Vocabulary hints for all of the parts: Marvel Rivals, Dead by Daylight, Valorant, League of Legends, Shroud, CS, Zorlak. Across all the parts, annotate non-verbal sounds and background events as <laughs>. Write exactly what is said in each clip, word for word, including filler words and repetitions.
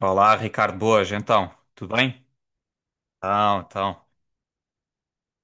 Olá, Ricardo, boas, então, tudo bem? Então, então,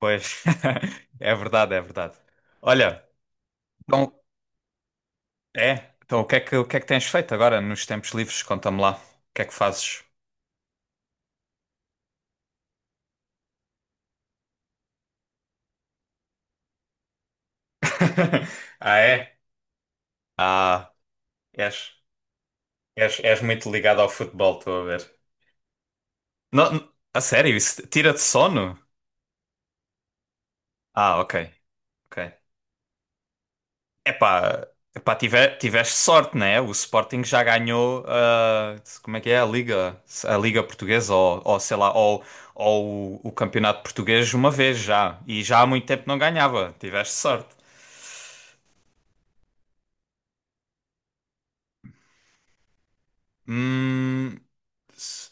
pois, <laughs> é verdade, é verdade. Olha, então, é, então o que é que, o que é que tens feito agora nos tempos livres? Conta-me lá, o que é que fazes? <laughs> Ah, é? Ah, és, és, és muito ligado ao futebol, estou a ver. Não, não- a sério, isso tira-te sono? Ah, ok, ok. Epá, epá, tive- Tiveste sorte, né? O Sporting já ganhou, ah, como é que é, a Liga, a Liga Portuguesa ou, ou sei lá, ou, ou o, o Campeonato Português uma vez já. E já há muito tempo não ganhava. Tiveste sorte. Hum, s-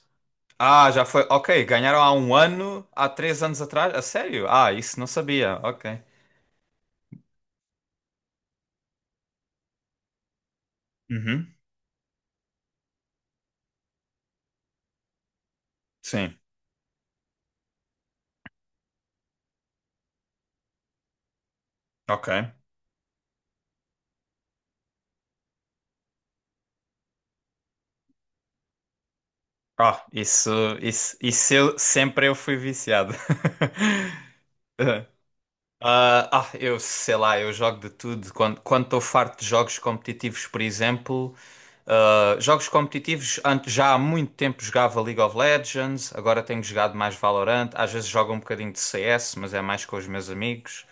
ah, já foi. Ok, ganharam há um ano, há três anos atrás. A sério? Ah, isso não sabia. Ok. Uhum, sim, ok. Ah, isso, isso, isso eu, sempre eu fui viciado. <laughs> ah, ah, eu sei lá, eu jogo de tudo. Quando quando estou farto de jogos competitivos, por exemplo, ah, jogos competitivos, antes, já há muito tempo jogava League of Legends, agora tenho jogado mais Valorant. Às vezes jogo um bocadinho de C S, mas é mais com os meus amigos.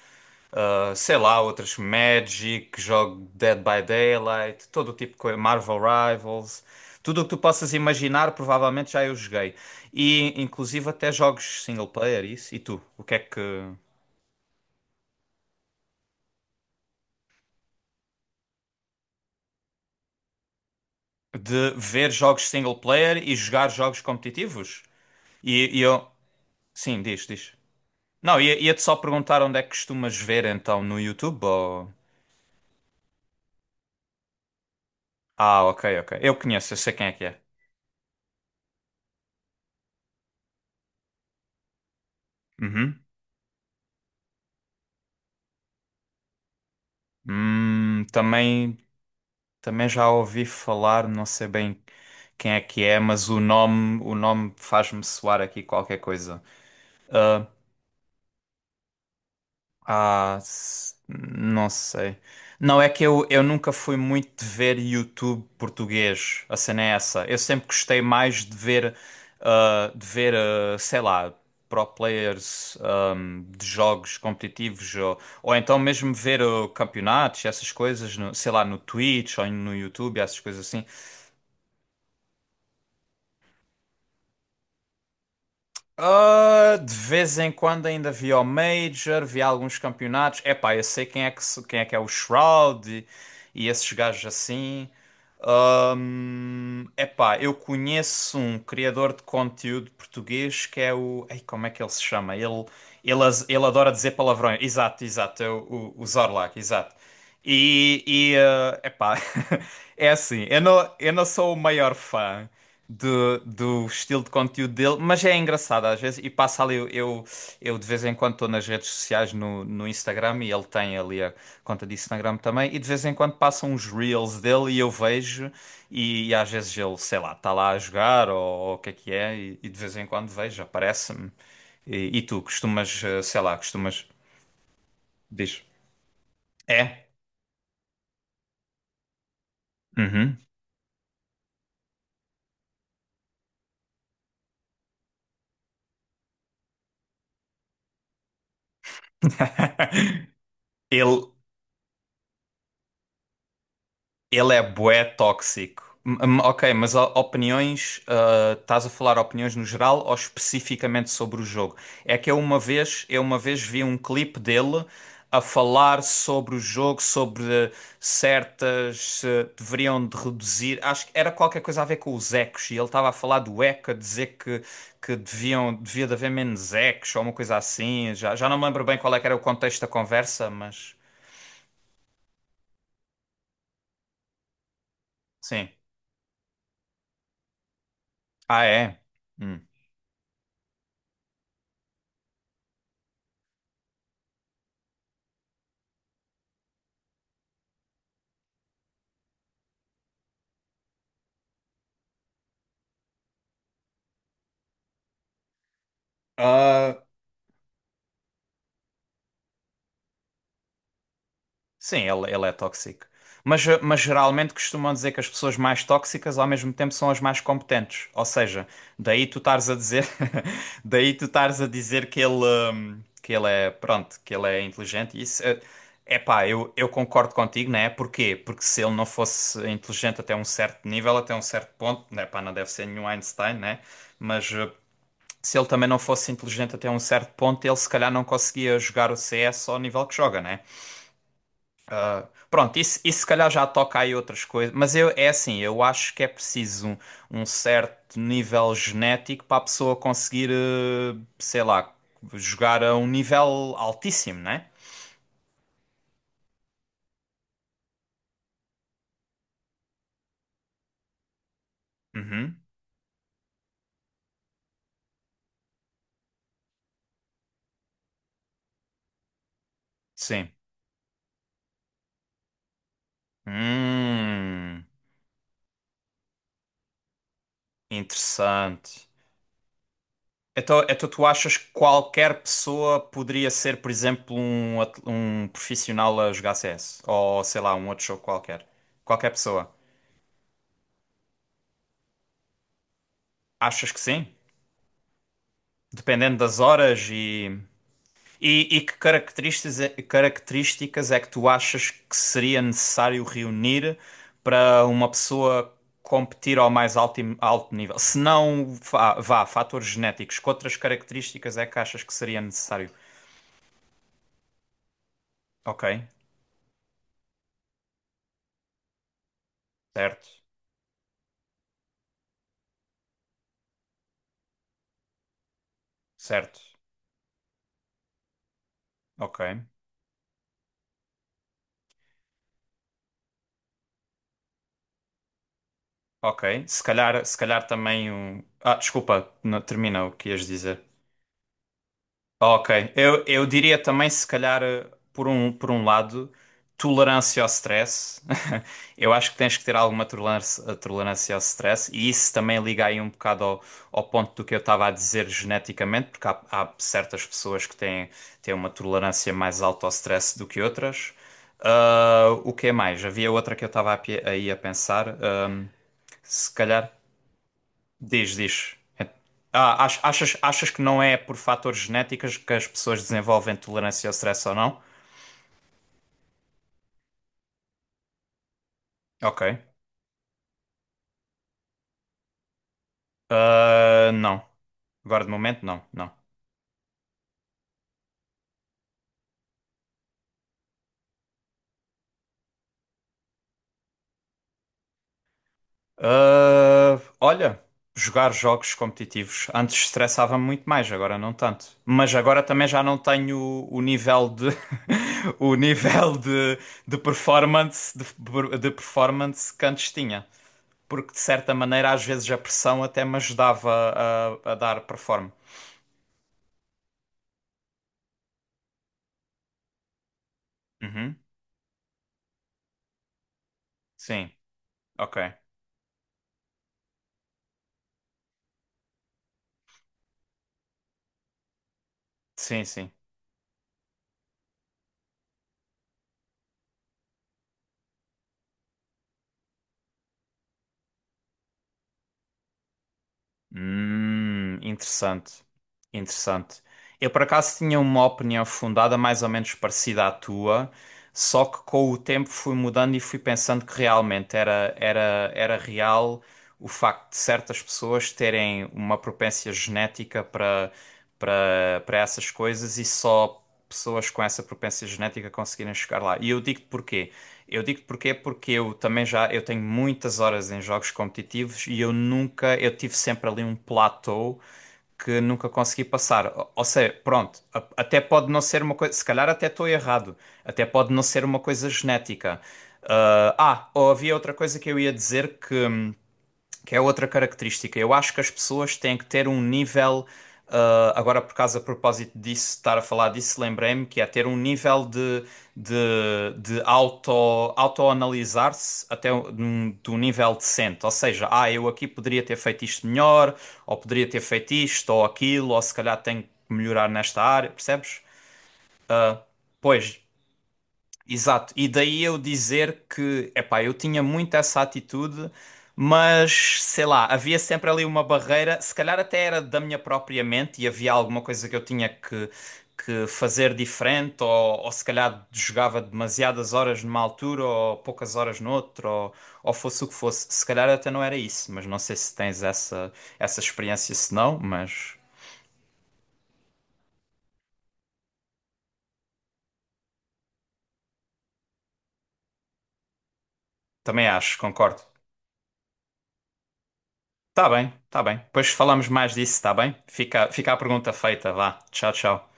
Ah, sei lá, outras Magic, jogo Dead by Daylight, todo o tipo de coisa, Marvel Rivals. Tudo o que tu possas imaginar, provavelmente já eu joguei. E inclusive até jogos single player, isso. E tu? O que é que. De ver jogos single player e jogar jogos competitivos. E, e eu. Sim, diz, diz. Não, ia- ia-te só perguntar onde é que costumas ver então no YouTube ou. Ah, ok, ok. Eu conheço, eu sei quem é que é. Uhum. Hum, também, também já ouvi falar, não sei bem quem é que é, mas o nome, o nome faz-me soar aqui qualquer coisa. Ah, Ah, s- não sei. Não, é que eu, eu nunca fui muito de ver YouTube português. A cena é essa. Eu sempre gostei mais de ver, ah, de ver, ah, sei lá, pro players, ahm, de jogos competitivos ou, ou então mesmo ver ah, campeonatos, essas coisas, no, sei lá, no Twitch ou no YouTube, essas coisas assim. Ah, de vez em quando ainda via o Major, via alguns campeonatos. Epá, eu sei quem é que, se- quem é que é o Shroud e, e esses gajos assim. Ahm, epá, eu conheço um criador de conteúdo português que é o. Ei, como é que ele se chama? Ele, ele, as- ele adora dizer palavrões. Exato, exato, é o, o, o Zorlak, exato. E, e ah, epá, <laughs> é assim, eu não, eu não sou o maior fã do, do estilo de conteúdo dele, mas é engraçado às vezes. E passa ali, eu, eu, eu de vez em quando estou nas redes sociais no, no Instagram e ele tem ali a conta de Instagram também. E de vez em quando passam uns reels dele e eu vejo. E, e às vezes ele, sei lá, está lá a jogar ou, ou o que é que é. E, e de vez em quando vejo, aparece-me. E, e tu costumas, eh, sei lá, costumas. Diz. É? Uhum. <laughs> Ele. Ele é bué tóxico. M- m- ok, mas o- opiniões, ah, estás a falar opiniões no geral ou especificamente sobre o jogo? É que eu uma vez, eu uma vez vi um clipe dele a falar sobre o jogo, sobre certas, eh, deveriam de reduzir, acho que era qualquer coisa a ver com os ecos, e ele estava a falar do eco, a dizer que, que deviam, devia de haver menos ecos ou uma coisa assim, já, já não me lembro bem qual é que era o contexto da conversa, mas sim. Ah, é? Hum. Sim, ele, ele é tóxico. Mas, eh, mas geralmente costumam dizer que as pessoas mais tóxicas ao mesmo tempo são as mais competentes. Ou seja, daí tu estares a dizer, <laughs> daí tu estares a dizer que ele, hum, que ele é, pronto, que ele é inteligente. E isso, é pá, eu, eu concordo contigo, né? Porquê? Porque se ele não fosse inteligente até um certo nível, até um certo ponto, né? Pá, não deve ser nenhum Einstein, né? Mas eh, se ele também não fosse inteligente até um certo ponto, ele se calhar não conseguia jogar o C S ao nível que joga, né? Pronto, isso, isso se calhar já toca aí outras coisas, mas eu, é assim, eu acho que é preciso um, um certo nível genético para a pessoa conseguir, eh, sei lá, jogar a um nível altíssimo, né? Uhum, sim. Hum, interessante. Então, então tu achas que qualquer pessoa poderia ser, por exemplo, um, at- um profissional a jogar C S? Ou sei lá, um outro jogo qualquer? Qualquer pessoa. Achas que sim? Dependendo das horas e. E, e que características, é- características é que tu achas que seria necessário reunir para uma pessoa competir ao mais alto, alto nível? Se não, vá, vá, fatores genéticos, que outras características é que achas que seria necessário? Ok, certo, certo, ok, ok. Se calhar, se calhar também o. Ah, desculpa, não, termina o que ias dizer. Ok, eu, eu diria também, se calhar, eh, por um, por um lado, tolerância ao stress. <laughs> Eu acho que tens que ter alguma tolerância, eh, tolerância ao stress, e isso também liga aí um bocado ao, ao ponto do que eu estava a dizer geneticamente, porque há, há certas pessoas que têm, têm uma tolerância mais alta ao stress do que outras. Ah, o que é mais? Havia outra que eu estava a pe- aí a pensar, ahm, se calhar. Diz, diz. É- Ah, ach- achas, achas que não é por fatores genéticos que as pessoas desenvolvem tolerância ao stress ou não? Ok. Ah, não. Agora de momento, não, não. Ah, olha, jogar jogos competitivos. Antes estressava-me muito mais, agora não tanto. Mas agora também já não tenho o, o nível de <laughs> o nível de, de performance de, de performance que antes tinha. Porque de certa maneira, às vezes a pressão até me ajudava a, a dar performance. Uhum. Sim, ok. Sim, sim. Hum, interessante. Interessante. Eu por acaso tinha uma opinião fundada mais ou menos parecida à tua, só que com o tempo fui mudando e fui pensando que realmente era, era, era real o facto de certas pessoas terem uma propensão genética para para para essas coisas e só pessoas com essa propensão genética conseguirem chegar lá. E eu digo-te porquê. Eu digo-te porquê porque eu também já eu tenho muitas horas em jogos competitivos e eu nunca eu tive sempre ali um platô que nunca consegui passar. Ou ou seja, pronto, a- até pode não ser uma coisa, se calhar até estou errado, até pode não ser uma coisa genética. ah, ah, ou havia outra coisa que eu ia dizer que, hum, que é outra característica. Eu acho que as pessoas têm que ter um nível. ah, agora, por causa, a propósito disso, estar a falar disso, lembrei-me que é ter um nível de, de, de auto, autoanalisar-se até um- de um, um nível decente. Ou seja, ah, eu aqui poderia ter feito isto melhor, ou poderia ter feito isto ou aquilo, ou se calhar tenho que melhorar nesta área, percebes? Pois, exato, e daí eu dizer que, epá, eu tinha muito essa atitude, mas sei lá, havia sempre ali uma barreira, se calhar até era da minha própria mente e havia alguma coisa que eu tinha que, que fazer diferente, ou, ou se calhar jogava demasiadas horas numa altura ou poucas horas noutra, ou, ou fosse o que fosse. Se calhar até não era isso, mas não sei se tens essa, essa experiência, se não, mas também acho, concordo. Tá bem, tá bem. Depois falamos mais disso, tá bem? Fica, fica a pergunta feita, vá. Tchau, tchau.